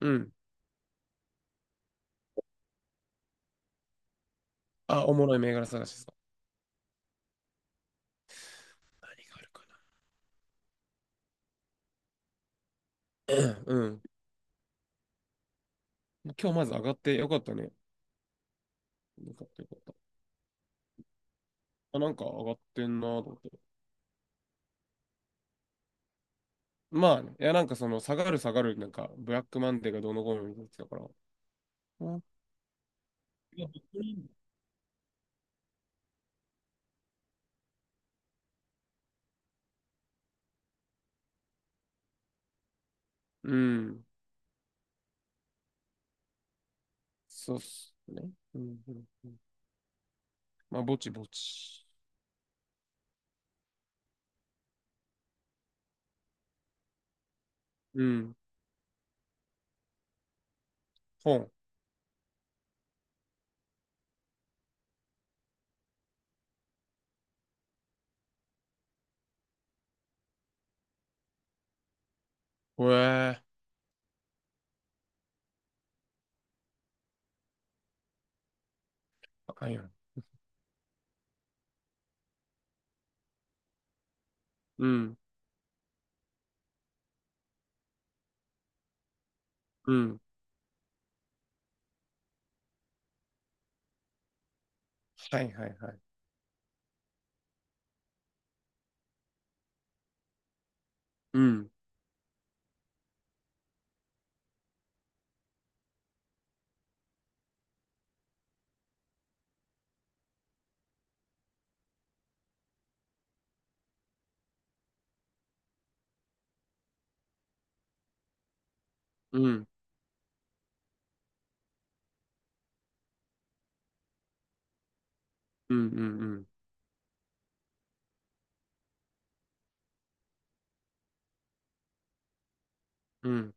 うん。あ、おもろい銘柄探しですか。何があるかな。うん。今日まず上がってよかったね。よかったよかった。あ、なんか上がってんなと思って。まあね、いやなんかその下がる下がる、なんかブラックマンデーがどうのこうのみたいなやつだから。あ、いや、本当にいいんだ。うん。そうっすね。うん、うん、うん。まあ、ぼちぼち。うん。本。ほえー。あよ。うん。うん。はいはいはい。うん。うん。うん。うん。うん。うん。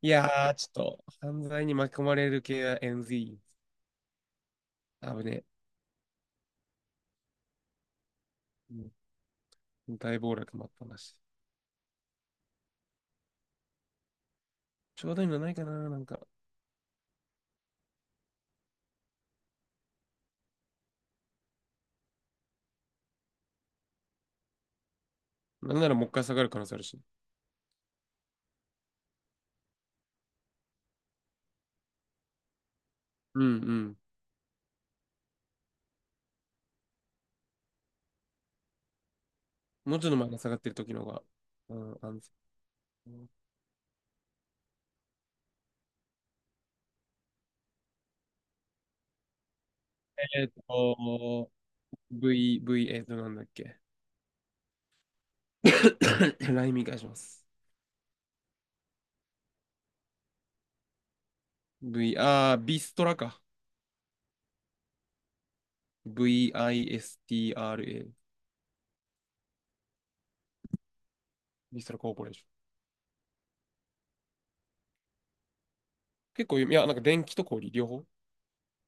いやー、ちょっと、犯罪に巻き込まれる系は NZ。あぶねえ。うん。大暴落もあったなし。ちょうどいいのないかな、なんか。なんならもう一回下がる可能性あるし。うんうん。もうちょっと前に下がってる時の方が、うん、安全。えーっと、V、なんだっけ。ライミ返します。V、ビストラか。VISTRA。ビストラコーポレーション。結構有名、いや、なんか電気と氷、両方。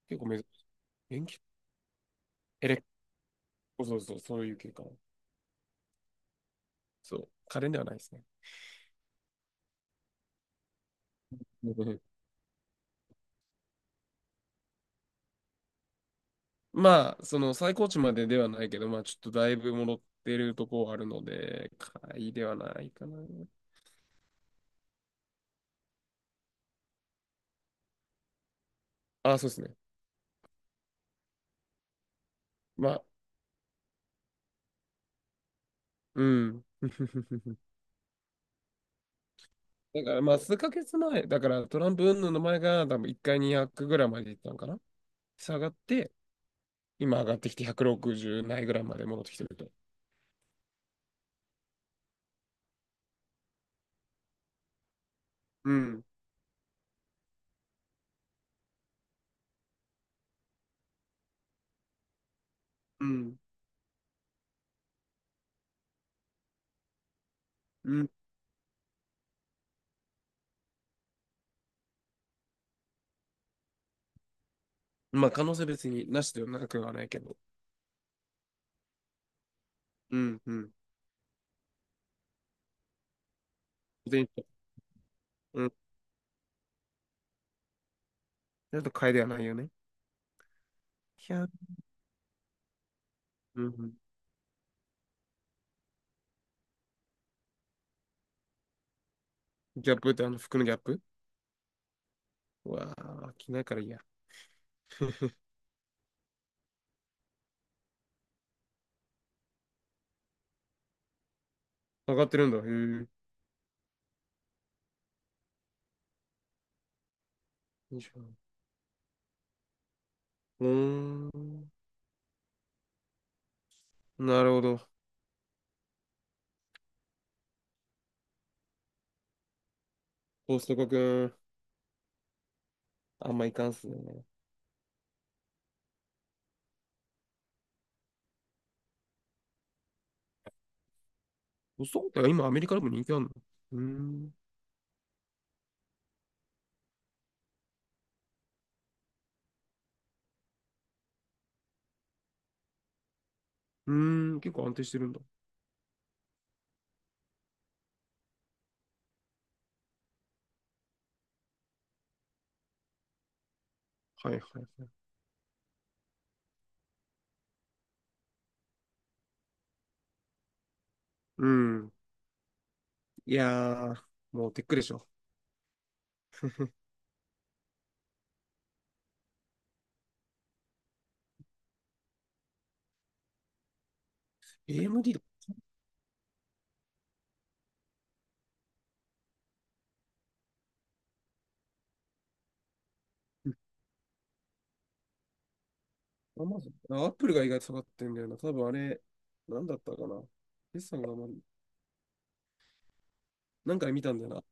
結構珍しい。電気エレ、そうそうそう、そういう系かな。そう。家電ではないですね。まあ、その最高値までではないけど、まあ、ちょっとだいぶ戻ってるとこはあるので、買いではないかな。あ、そうですね。まあ、うん。だから、まあ、数ヶ月前、だからトランプ云々の前が多分1回200ぐらいまでいったのかな。下がって、今上がってきて160ないぐらいまで戻ってきてると。うん、うん、うん。まあ、可能性別になしではなくはないけど。うん、うん。で、うん。ちょっと買いではないよね。キャップ。うんうん。ギャップってあの服のギャップ？うわあ、着ないからいいや。上がってるんだ。へぇよいしょうーん。なるほど。コストコくん。あんまいかんっすね。そうだよ。今アメリカでも人気あるの。うーん。うーん。結構安定してるんだ。はいはいはい。うん。いやー、もうテックでしょ。AMD だ。アマゾン。あ、アップルが意外と下がってんだよな。多分あれ、なんだったかな。決算があんまり、なんかで見たんだよな。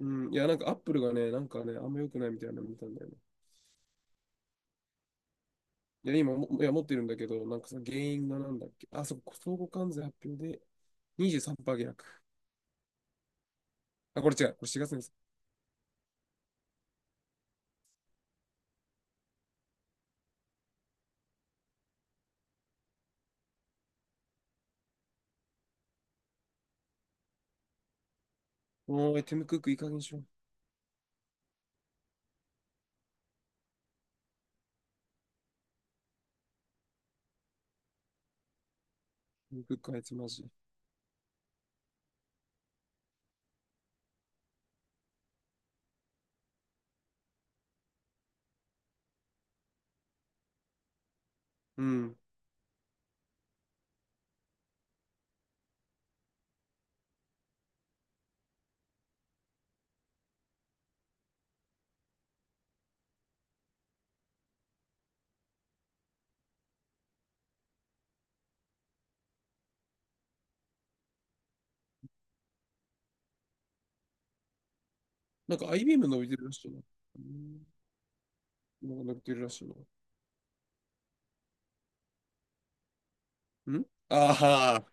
うん。いや、なんかアップルがね、なんかね、あんま良くないみたいなの見たんだよね。いや、今も、いや、持ってるんだけど、なんかその原因がなんだっけ。あ、そう、相互関税発表で23%下落。あ、これ違う。これ4月です。おーい、ティム・クックいい加減にしろ。ティム・クックあいつマジ。うん。なんか IBM 伸びてるらしいな。うん。なんか伸びてるらしいな。んあは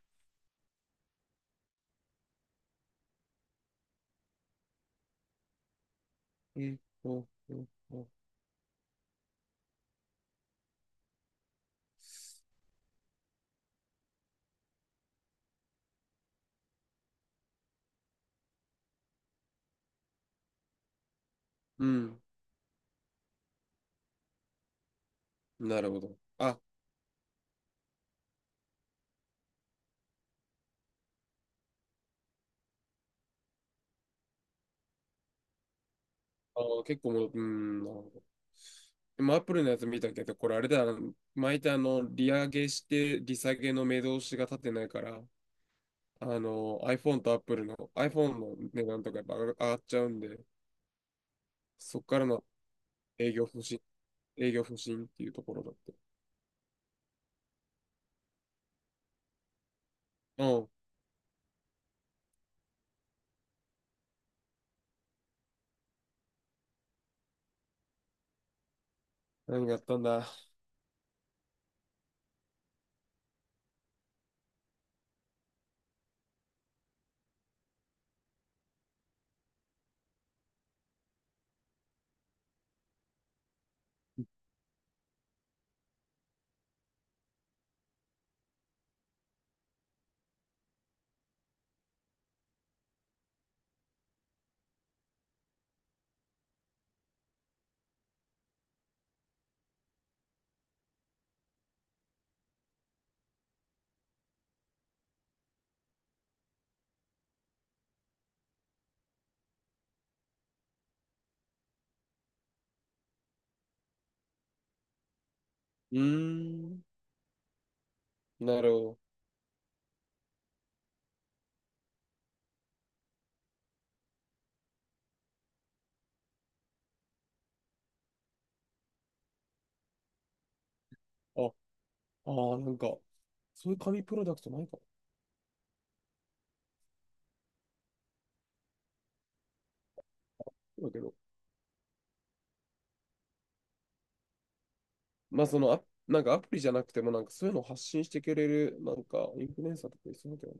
ー。と、えっとうん。なるほど。あ、結構もう、うん、なるほど。今、アップルのやつ見たけど、これあれだな、毎回あの、利上げして、利下げの目通しが立ってないから、あの、iPhone と Apple の iPhone の値段とかやっぱ上がっちゃうんで、そっからの営業不振、営業不振っていうところだって。うん。何があったんだ。うーん。なるほど。あ、ああ、なんか、そういう紙プロダクトないかも。だけど。まあ、その、あ、なんかアプリじゃなくても、なんかそういうのを発信してくれる、なんか、インフルエンサーとかいそうだけどね